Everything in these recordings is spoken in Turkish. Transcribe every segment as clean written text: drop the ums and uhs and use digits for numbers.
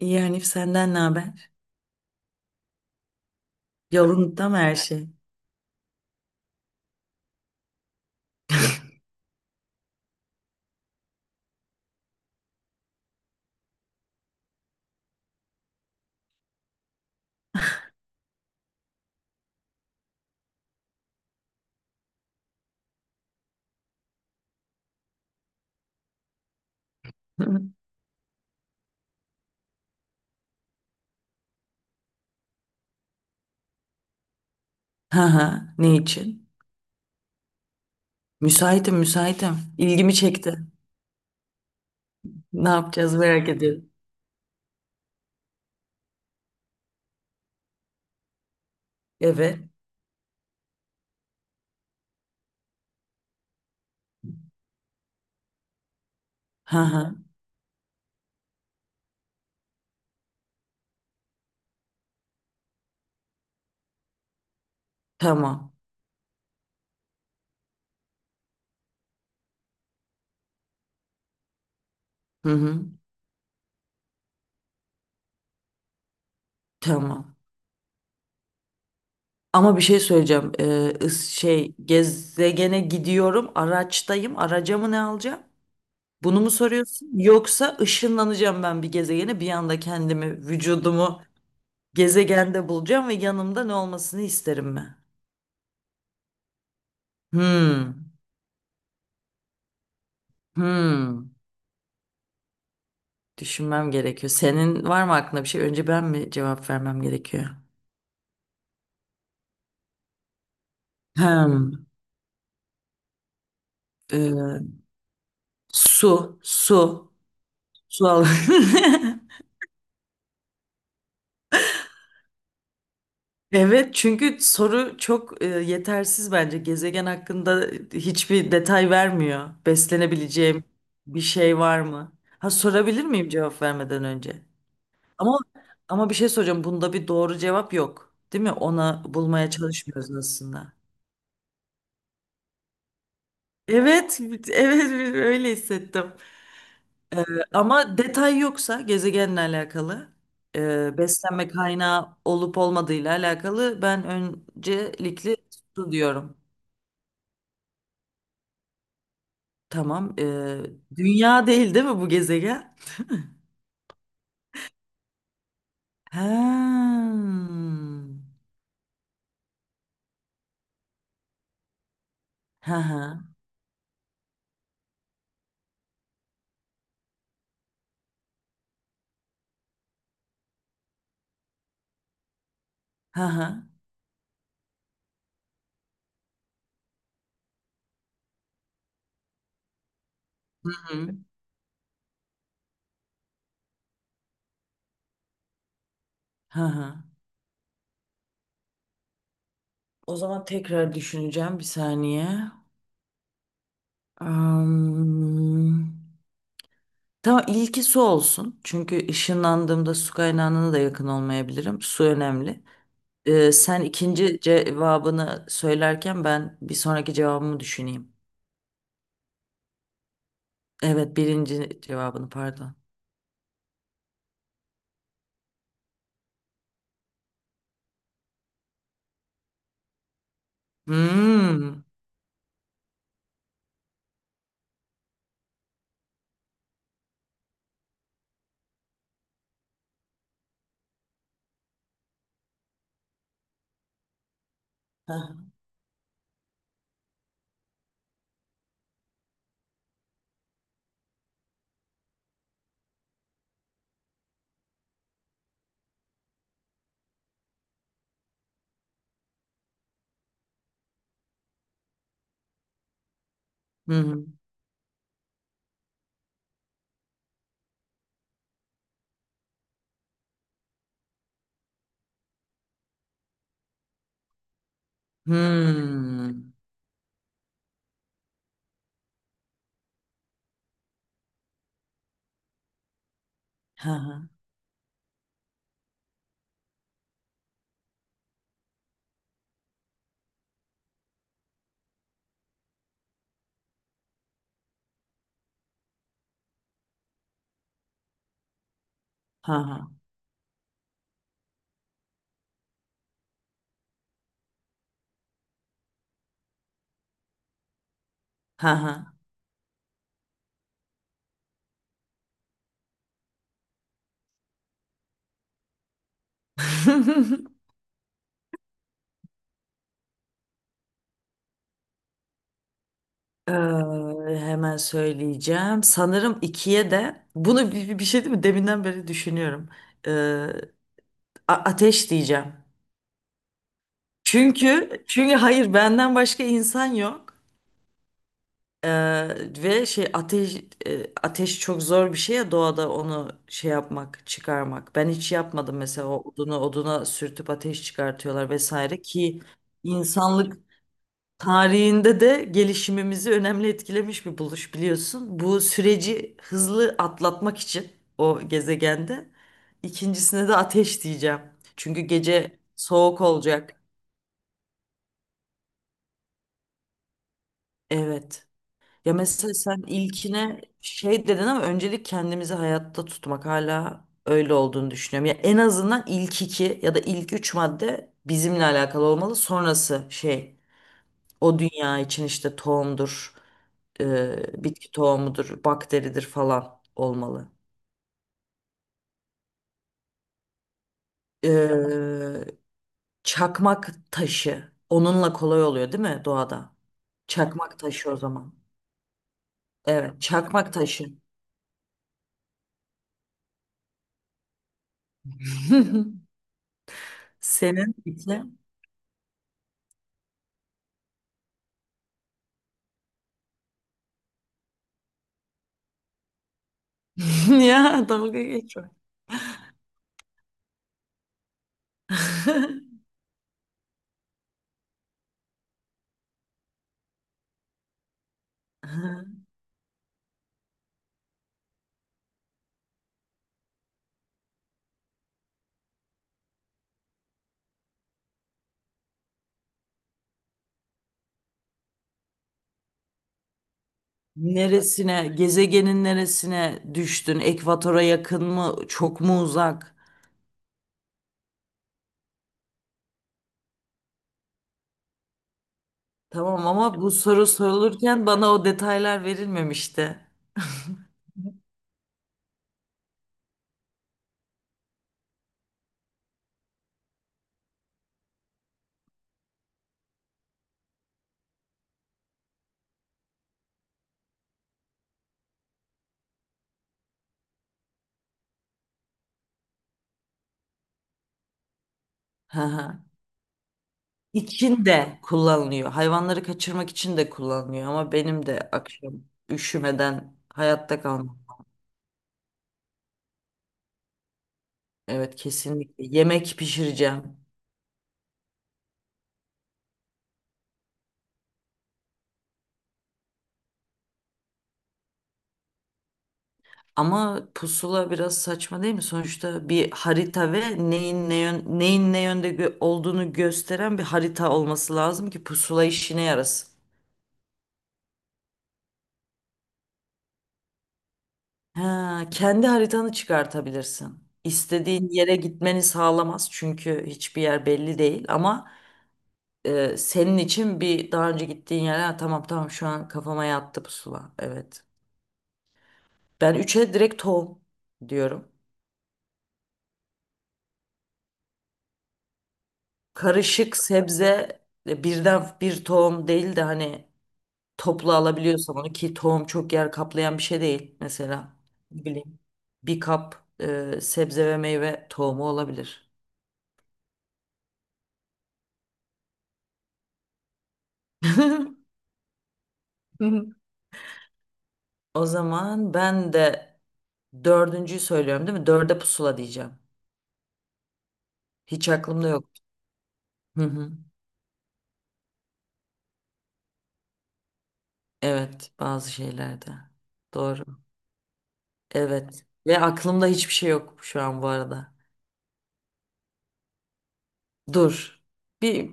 İyi Hanif senden ne haber? Yolunda mı her şey? Ha ha, ne için? Müsaitim müsaitim. İlgimi çekti. Ne yapacağız merak ediyorum. Evet. Ha ha, tamam. Hı hı. Tamam. Ama bir şey söyleyeceğim. Şey gezegene gidiyorum. Araçtayım. Araca mı ne alacağım? Bunu mu soruyorsun? Yoksa ışınlanacağım ben bir gezegene. Bir anda kendimi, vücudumu gezegende bulacağım ve yanımda ne olmasını isterim ben. Hmm. Hmm, Düşünmem gerekiyor. Senin var mı aklında bir şey? Önce ben mi cevap vermem gerekiyor? Hmm, e, su, su, su al. Evet, çünkü soru çok yetersiz bence. Gezegen hakkında hiçbir detay vermiyor. Beslenebileceğim bir şey var mı? Ha sorabilir miyim cevap vermeden önce? Ama ama bir şey soracağım. Bunda bir doğru cevap yok, değil mi? Ona bulmaya çalışmıyoruz aslında. Evet, evet evet, öyle hissettim. Ee, Ama detay yoksa gezegenle alakalı, beslenme kaynağı olup olmadığıyla alakalı ben öncelikli su diyorum. Tamam. Dünya değil değil mi bu gezegen? Ha. Ha ha. Ha ha. Hı hı. Ha ha. O zaman tekrar düşüneceğim bir saniye. Am, tamam ilki su olsun. Çünkü ışınlandığımda su kaynağına da yakın olmayabilirim. Su önemli. Sen ikinci cevabını söylerken ben bir sonraki cevabımı düşüneyim. Evet, birinci cevabını pardon. Hmm. Ha, hı. Hmm. Ha ha. Ha ha. Ha ha. Ee, Hemen söyleyeceğim. Sanırım ikiye de bunu bir şey değil mi? Deminden beri düşünüyorum. Ee, Ateş diyeceğim. Çünkü hayır benden başka insan yok. Ve şey ateş e, Ateş çok zor bir şey ya doğada onu şey yapmak çıkarmak. Ben hiç yapmadım mesela o odunu oduna sürtüp ateş çıkartıyorlar vesaire ki insanlık tarihinde de gelişimimizi önemli etkilemiş bir buluş biliyorsun. Bu süreci hızlı atlatmak için o gezegende ikincisine de ateş diyeceğim. Çünkü gece soğuk olacak. Evet. Ya mesela sen ilkine şey dedin ama öncelik kendimizi hayatta tutmak hala öyle olduğunu düşünüyorum. Ya en azından ilk iki ya da ilk üç madde bizimle alakalı olmalı. Sonrası şey o dünya için işte tohumdur, bitki tohumudur, bakteridir falan olmalı. E, Çakmak taşı onunla kolay oluyor değil mi doğada? Çakmak taşı o zaman. Evet, çakmak taşı. Senin iki. Ya dalga geçme. Neresine, gezegenin neresine düştün? Ekvatora yakın mı, çok mu uzak? Tamam ama bu soru sorulurken bana o detaylar verilmemişti. Hı hı. İçin de kullanılıyor. Hayvanları kaçırmak için de kullanılıyor ama benim de akşam üşümeden hayatta kalmam. Evet kesinlikle. Yemek pişireceğim. Ama pusula biraz saçma değil mi? Sonuçta bir harita ve neyin ne yön, neyin ne yönde olduğunu gösteren bir harita olması lazım ki pusula işine yarasın. Ha, kendi haritanı çıkartabilirsin. İstediğin yere gitmeni sağlamaz çünkü hiçbir yer belli değil ama senin için bir daha önce gittiğin yere "Ha, tamam tamam şu an kafama yattı pusula. Evet. Ben 3'e direkt tohum diyorum. Karışık sebze birden bir tohum değil de hani toplu alabiliyorsam onu ki tohum çok yer kaplayan bir şey değil mesela. Ne bileyim. Bir kap sebze ve meyve tohumu olabilir. O zaman ben de dördüncüyü söylüyorum değil mi? Dörde pusula diyeceğim. Hiç aklımda yok. Hı hı. Evet, bazı şeylerde. Doğru. Evet. Ve aklımda hiçbir şey yok şu an bu arada. Dur. Bir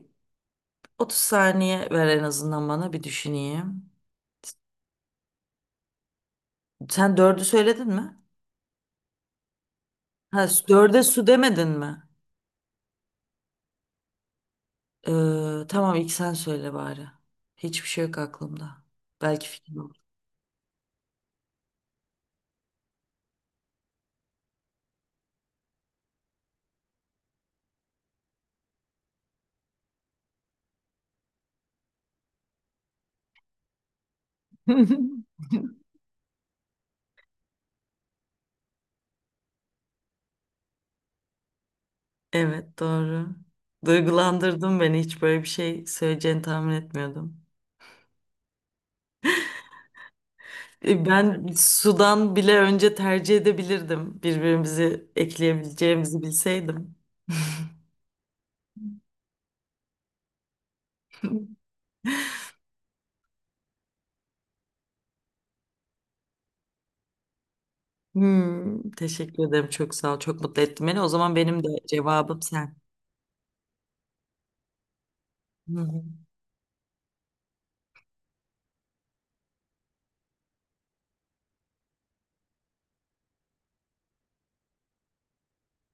30 saniye ver en azından bana bir düşüneyim. Sen dördü söyledin mi? Ha, dörde su demedin mi? Tamam ilk sen söyle bari. Hiçbir şey yok aklımda. Belki fikrim olur. Evet doğru. Duygulandırdın beni. Hiç böyle bir şey söyleyeceğini tahmin etmiyordum. Ben sudan bile önce tercih edebilirdim. Birbirimizi ekleyebileceğimizi bilseydim. Teşekkür ederim. Çok sağ ol. Çok mutlu ettin beni. O zaman benim de cevabım sen. Hı hı.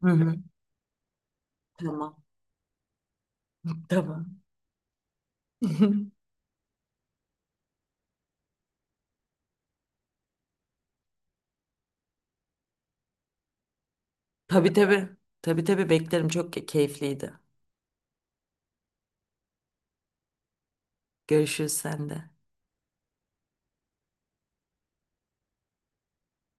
Hı hı. Tamam. Tamam. Tabii tabii. Tabii tabii beklerim. Çok keyifliydi. Görüşürüz sen de.